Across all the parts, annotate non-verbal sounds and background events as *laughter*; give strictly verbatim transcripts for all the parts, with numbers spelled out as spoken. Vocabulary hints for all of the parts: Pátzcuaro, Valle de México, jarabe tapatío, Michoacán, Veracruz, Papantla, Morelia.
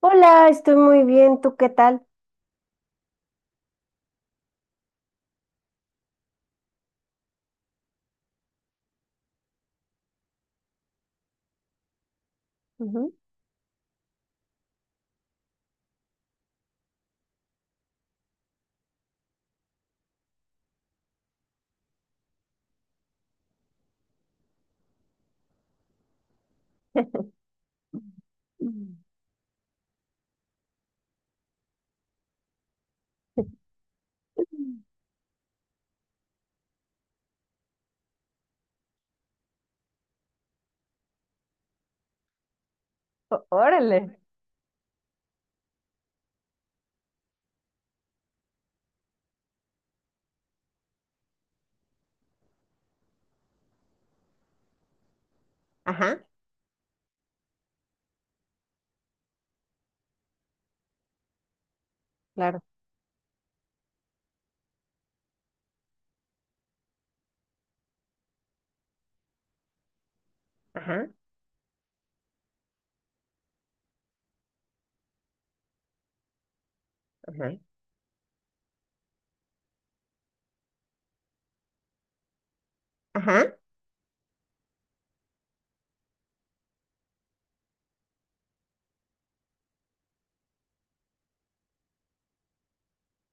Hola, estoy muy bien. ¿Tú qué tal? Ujú. Mm. *laughs* Ó- Órale. Ajá, claro. Ajá, ajá, ajá.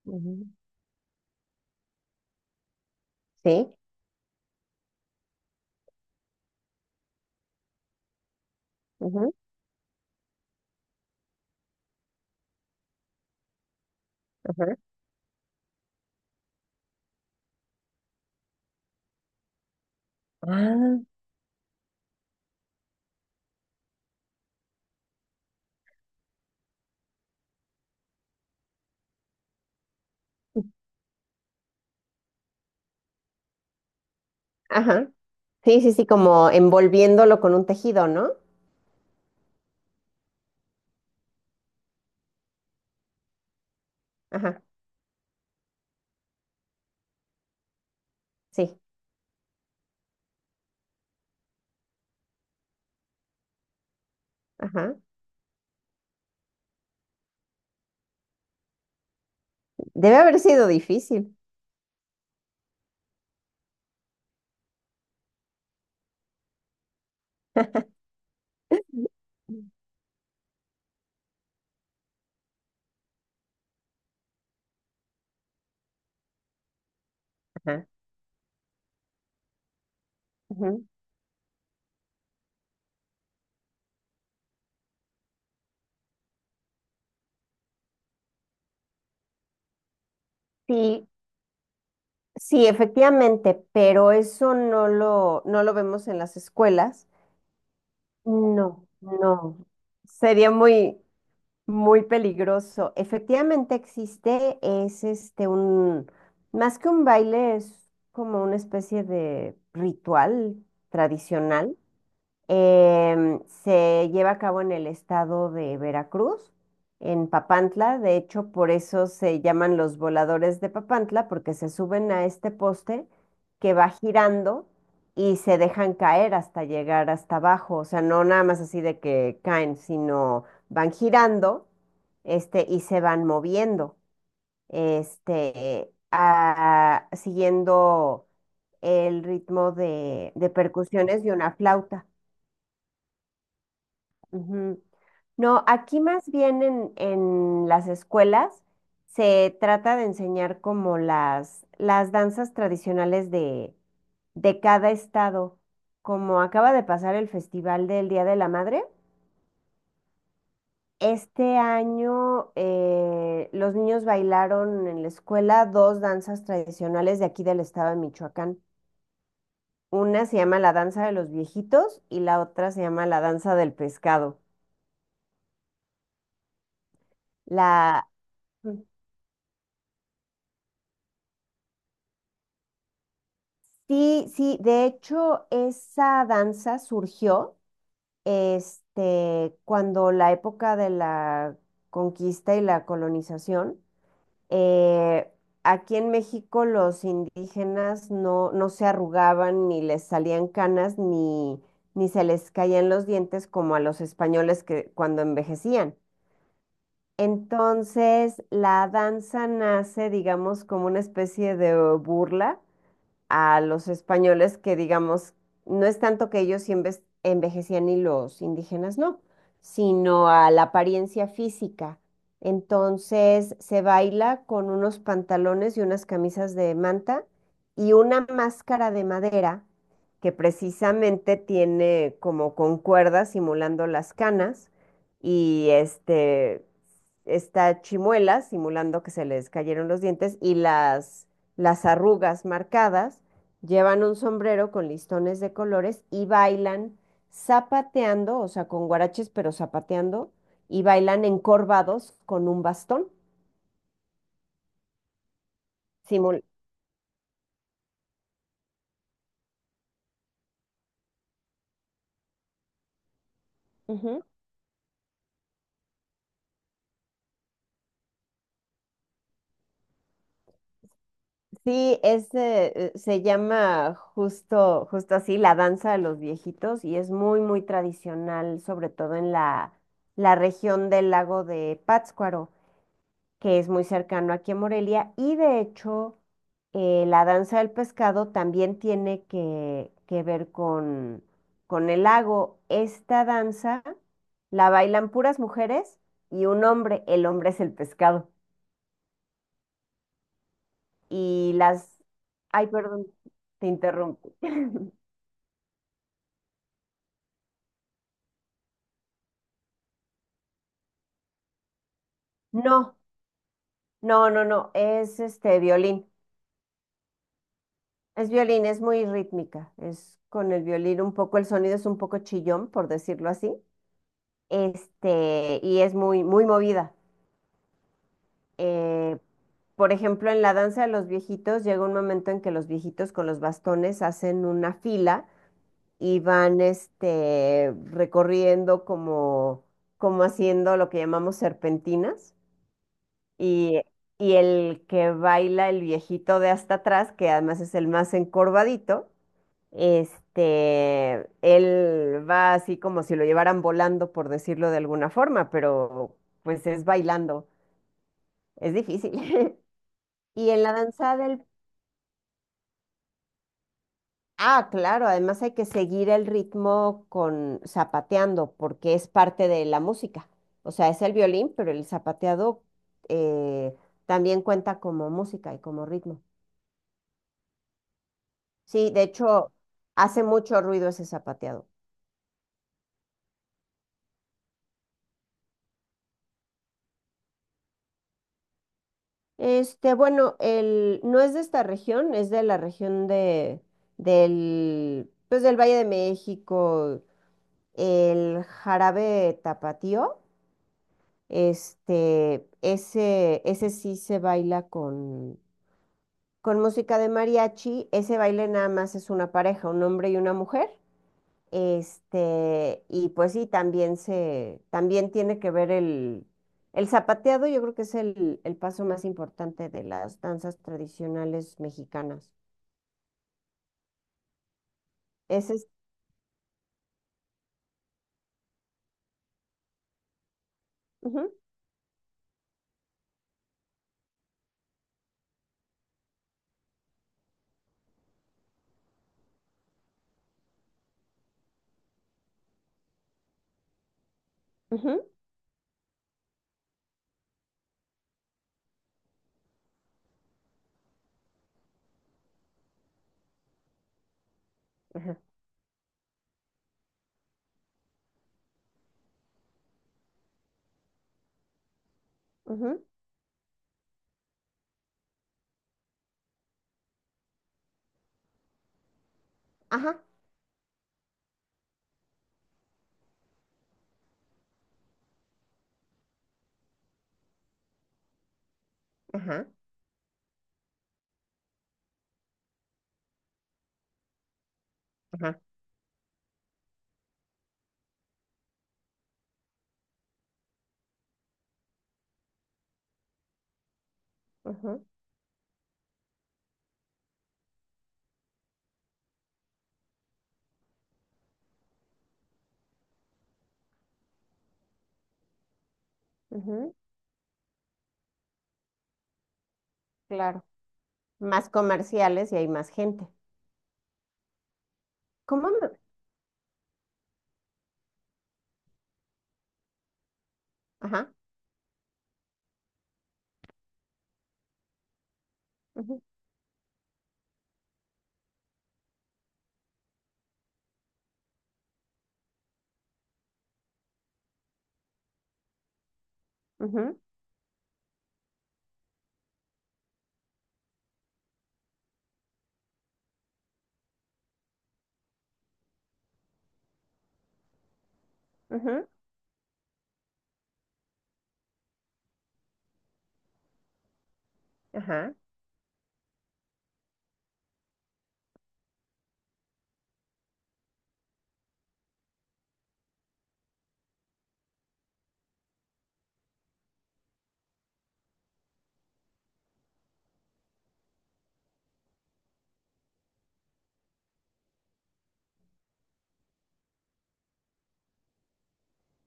Ujú, sí, ujú, ajá. Ah, ajá. Sí, sí, sí, como envolviéndolo con un tejido, ¿no? Ajá, sí, ajá. Debe haber sido difícil. *laughs* Ajá. Ujú. Sí, sí, efectivamente, pero eso no lo, no lo vemos en las escuelas. No, no. Sería muy, muy peligroso. Efectivamente existe, es este un, más que un baile, es como una especie de ritual tradicional. Em, se lleva a cabo en el estado de Veracruz, en Papantla. De hecho, por eso se llaman los voladores de Papantla, porque se suben a este poste que va girando y se dejan caer hasta llegar hasta abajo. O sea, no nada más así de que caen, sino van girando, este, y se van moviendo, este, a- siguiendo el ritmo de, de percusiones de una flauta. Ujú. No, aquí más bien en, en las escuelas se trata de enseñar como las, las danzas tradicionales de, de cada estado. Como acaba de pasar el Festival del Día de la Madre, este año eh, los niños bailaron en la escuela dos danzas tradicionales de aquí del estado de Michoacán. Una se llama la danza de los viejitos y la otra se llama la danza del pescado. La, sí, sí, de hecho esa danza surgió este, cuando la época de la conquista y la colonización, eh, aquí en México los indígenas no, no se arrugaban ni les salían canas ni, ni se les caían los dientes como a los españoles que cuando envejecían. Entonces la danza nace, digamos, como una especie de burla a los españoles que, digamos, no es tanto que ellos sí enve- envejecían y los indígenas no, sino a la apariencia física. Entonces se baila con unos pantalones y unas camisas de manta y una máscara de madera que precisamente tiene como con cuerdas simulando las canas y este está Chimuela simulando que se les cayeron los dientes y las las arrugas marcadas, llevan un sombrero con listones de colores y bailan zapateando, o sea, con guaraches, pero zapateando, y bailan encorvados con un bastón. Simul-, ujú. Sí, es, eh, eh, se llama justo, justo así, la danza de los viejitos y es muy, muy tradicional, sobre todo en la, la región del lago de Pátzcuaro, que es muy cercano aquí en Morelia, y de hecho eh, la danza del pescado también tiene que, que ver con, con el lago. Esta danza la bailan puras mujeres y un hombre, el hombre es el pescado. Y las... Ay, perdón, te interrumpí. *laughs* No, no, no, no, es este violín. Es violín, es muy rítmica, es con el violín un poco, el sonido es un poco chillón, por decirlo así. Este, y es muy, muy movida. Eh, por ejemplo, en la danza de los viejitos llega un momento en que los viejitos con los bastones hacen una fila y van, este, recorriendo como, como haciendo lo que llamamos serpentinas y, y el que baila el viejito de hasta atrás, que además es el más encorvadito, este, él va así como si lo llevaran volando, por decirlo de alguna forma, pero pues es bailando. Es difícil. *laughs* Y en la danza del... Ah, claro, además hay que seguir el ritmo con zapateando, porque es parte de la música. O sea, es el violín, pero el zapateado eh, también cuenta como música y como ritmo. Sí, de hecho, hace mucho ruido ese zapateado. Este, bueno, el, no es de esta región, es de la región de, del, pues del Valle de México, el jarabe tapatío. Este, ese, ese sí se baila con, con música de mariachi. Ese baile nada más es una pareja, un hombre y una mujer. Este, y pues sí, también se, también tiene que ver el, el zapateado, yo creo que es el, el paso más importante de las danzas tradicionales mexicanas. Ese es, ujú, ujú, ajá, ujú, ajá, ajá, ajá, ujú, ujú, claro. Más comerciales y hay más gente. ¿Cómo? Me-, ajá. Ujú, ujú, ajá,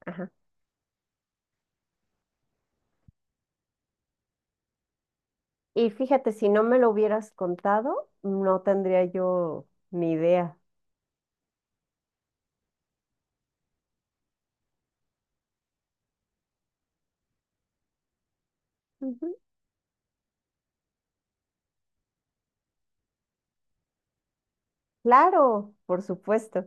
ajá. Y fíjate, si no me lo hubieras contado, no tendría yo ni idea. Ujú. Claro, por supuesto.